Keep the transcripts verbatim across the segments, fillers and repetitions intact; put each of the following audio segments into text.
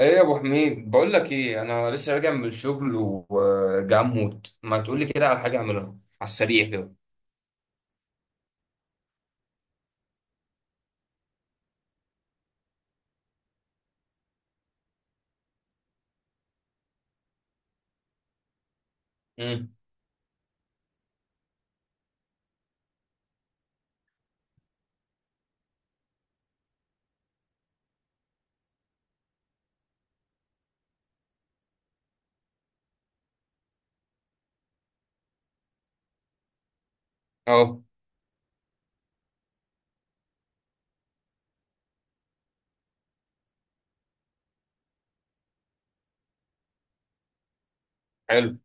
ايه يا ابو حميد؟ بقول لك ايه، انا لسه راجع من الشغل وجاي اموت، ما تقول لي كده على حاجه اعملها على السريع كده. امم. اه. حلو.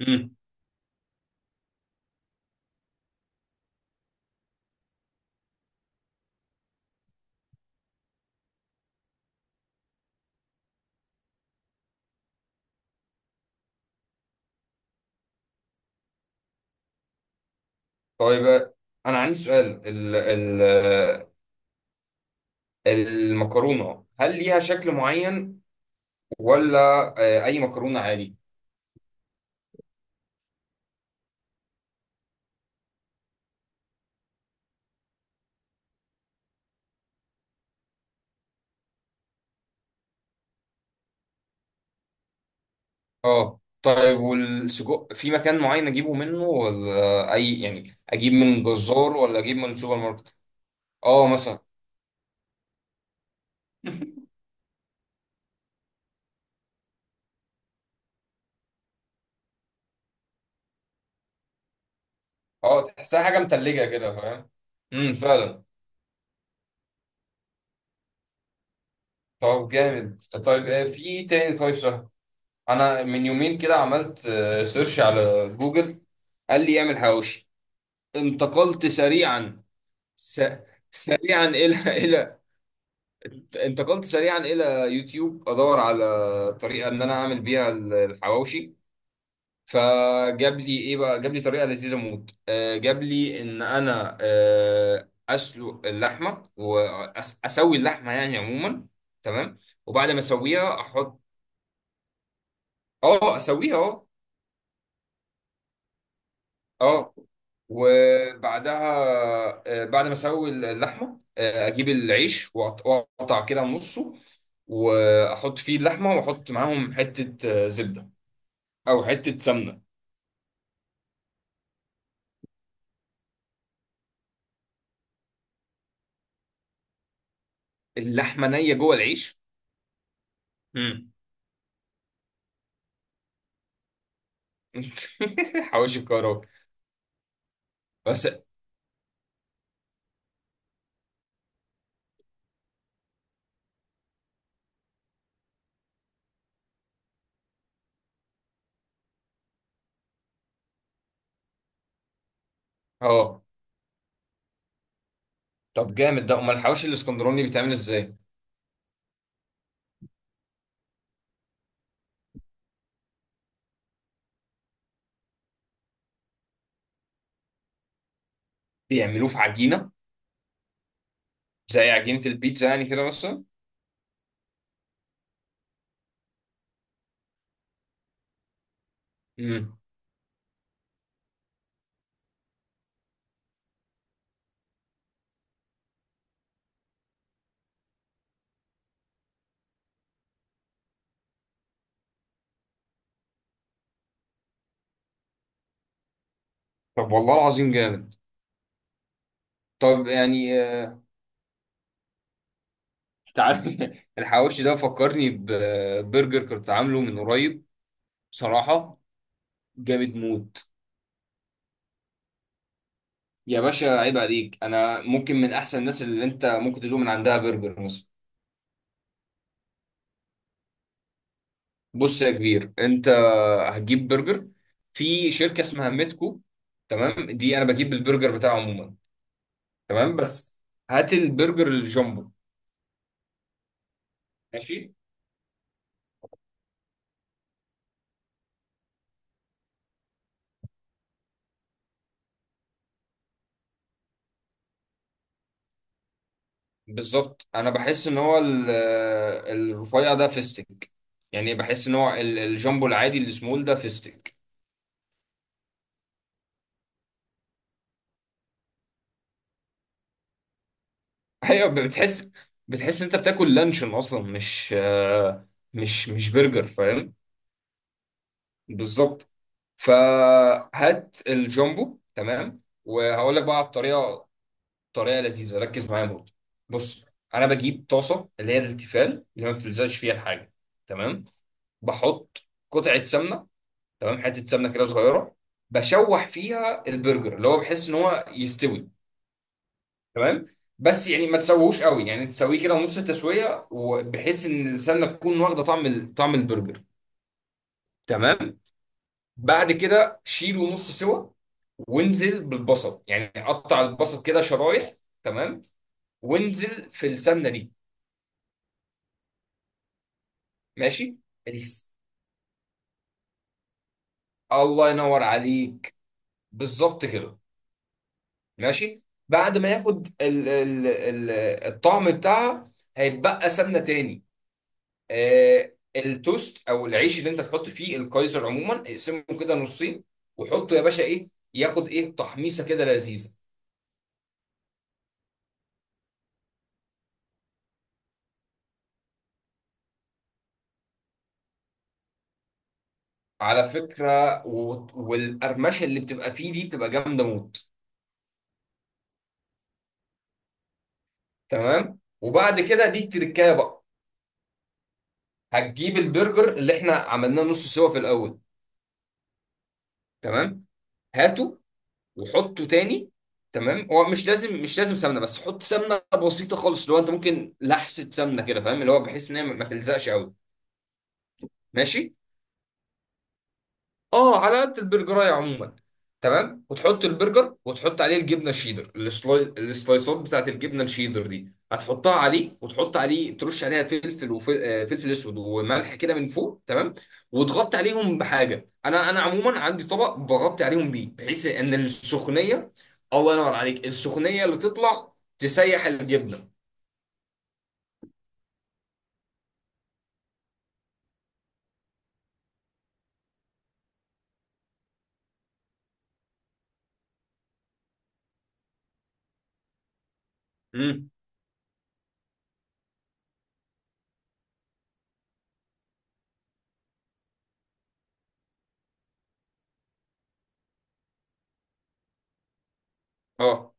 امم. طيب، انا عندي سؤال. ال ال المكرونه هل ليها شكل معين ولا آه، اي مكرونه عادي. اه، طيب، والسجق في مكان معين اجيبه منه ولا اي؟ يعني اجيب من جزار ولا اجيب من سوبر ماركت؟ اه، مثلا. اه، تحسها حاجه متلجه كده، فاهم؟ امم، فعلا. طب، جامد. طيب، آه، في ايه تاني؟ طيب، سهل. انا من يومين كده عملت آه، سيرش على جوجل. قال لي اعمل حواوشي. انتقلت سريعا. س... سريعا الى الى انتقلت سريعا الى يوتيوب، ادور على طريقه ان انا اعمل بيها ال- الحواوشي. فجاب لي ايه بقى؟ جاب لي طريقه لذيذه موت. آه، جاب لي ان انا آه، اسلق اللحمه واسوي اللحمه يعني عموما. تمام، وبعد ما اسويها احط. اه، اسويه، اه. اه، وبعدها آه، بعد ما اسوي اللحمه آه، اجيب العيش، وأقط- واقطع كده نصه، واحط فيه اللحمه، واحط معاهم حته آه، زبده او حته سمنه. اللحمه نيه جوه العيش؟ امم. حواوشي الكهرباء. بس. اه. طب، جامد ده. امال الحواوشي الاسكندراني بيتعمل ازاي؟ بيعملوه في عجينه؟ زي عجينه البيتزا يعني كده مثلا؟ امم. طب، والله العظيم جامد. طب، يعني آه، تعال. الحواوشي ده فكرني ببرجر كنت عامله من قريب، بصراحة. جامد موت. يا باشا، عيب عليك! انا ممكن من احسن الناس اللي انت ممكن تدوق من عندها برجر مثلا. بص يا كبير، انت هتجيب برجر. في شركة اسمها ميتكو. تمام، دي انا بجيب البرجر بتاعه عموما. تمام، بس هات البرجر الجامبو. ماشي. بالظبط، انا بحس ان هو ال- الرفيع ده فيستك. يعني بحس ان هو ال- الجامبو العادي السمول ده فيستك. ايوه، بتحس بتحس انت بتاكل لانشون اصلا، مش آه، مش مش برجر، فاهم؟ بالظبط. فهات الجامبو، تمام، وهقول لك بقى على الطريقه. طريقه لذيذه، ركز معايا موت. بص، انا بجيب طاسه اللي هي التيفال، اللي ما بتلزقش فيها الحاجه. تمام. بحط قطعه سمنه. تمام، حته سمنه كده صغيره. بشوح فيها البرجر اللي هو بحس ان هو يستوي. تمام. بس يعني ما تسويهوش قوي، يعني تسويه كده نص التسويه، وبحيث ان السمنه تكون واخده طعم ال- طعم البرجر. تمام. بعد كده شيله نص سوا، وانزل بالبصل، يعني قطع البصل كده شرايح. تمام، وانزل في السمنه دي. ماشي. الس- الله ينور عليك. بالظبط كده. ماشي، بعد ما ياخد ال ال ال الطعم بتاعها، هيتبقى سمنه تاني. آه، التوست او العيش اللي انت تحط فيه القيصر عموما اقسمه كده نصين، وحطه يا باشا، ايه، ياخد ايه تحميصه كده لذيذه. على فكره، و- والقرمشه اللي بتبقى فيه دي بتبقى جامده موت. تمام، وبعد كده دي التركايه بقى. هتجيب البرجر اللي احنا عملناه نص سوا في الاول. تمام، هاته وحطه تاني. تمام، هو مش لازم مش لازم سمنه، بس حط سمنه بسيطه خالص اللي هو انت ممكن لحسه سمنه كده، فاهم؟ اللي هو بحيث ان هي ما ما تلزقش قوي. ماشي. اه، على قد البرجرايه عموما. تمام، وتحط البرجر وتحط عليه الجبنه الشيدر. السلاي... السلايسات بتاعت الجبنه الشيدر دي هتحطها عليه، وتحط عليه ترش عليها فلفل وفلفل اسود وملح كده من فوق. تمام. وتغطي عليهم بحاجه، انا انا عموما عندي طبق بغطي عليهم بيه، بحيث ان السخونيه. الله ينور عليك. السخونيه اللي تطلع تسيح الجبنه. امم. اه.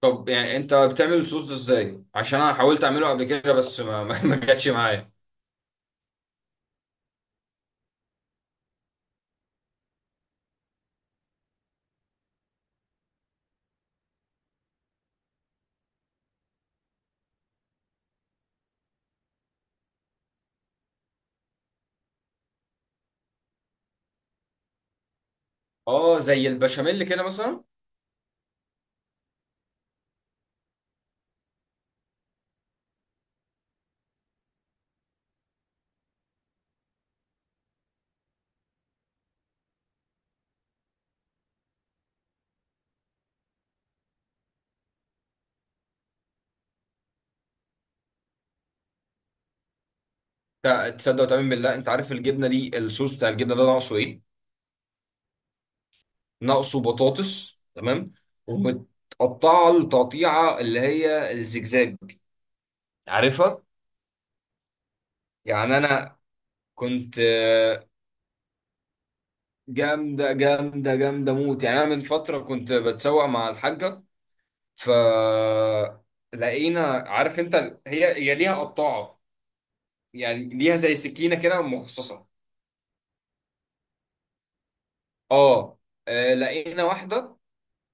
طب، يعني انت بتعمل الصوص ده ازاي؟ عشان انا حاولت اعمله قبل كده بس ما ما ما جاتش معايا. اه، زي البشاميل كده مثلا. ت- تصدق وتؤمن بالله؟ انت عارف الجبنه دي، الصوص بتاع الجبنه ده ناقصه ايه؟ ناقصه بطاطس. تمام، ومتقطعه التقطيعه اللي هي الزجزاج، عارفها؟ يعني انا كنت آه، جامده جامده جامده موت. يعني انا من فتره كنت بتسوق مع الحاجه، ف لقينا، عارف انت، هي هي ليها قطاعه. يعني ليها زي سكينه كده مخصصه. اه. آه، لقينا واحده،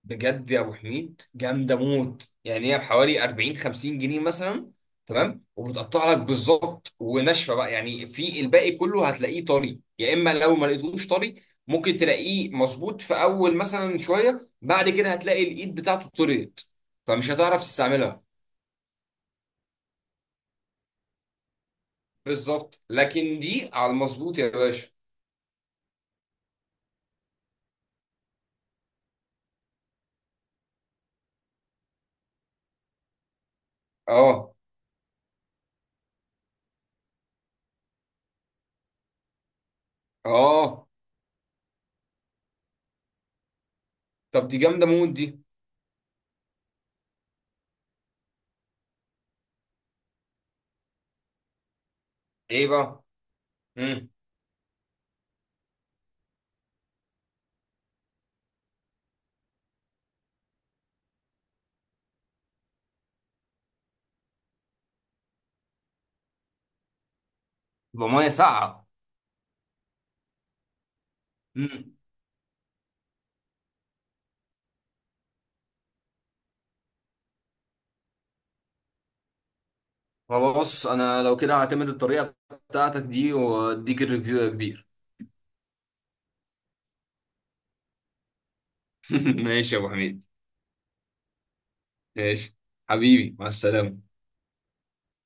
بجد يا ابو حميد جامده موت. يعني هي بحوالي أربعين خمسين جنيه مثلا. تمام، وبتقطع لك بالظبط، وناشفه بقى، يعني في الباقي كله هتلاقيه طري، يا اما لو ما لقيتوش طري ممكن تلاقيه مظبوط في اول مثلا شويه، بعد كده هتلاقي الايد بتاعته طريت فمش هتعرف تستعملها. بالظبط. لكن دي على المظبوط يا باشا. اه. اه، طب دي جامده موت دي. ايه بقى؟ امم. بميه ساقعه؟ إمم. هو، بص، انا لو كده هعتمد الطريقه بتاعتك دي واديك الريفيو يا كبير. ماشي يا ابو حميد. ماشي حبيبي، مع السلامة.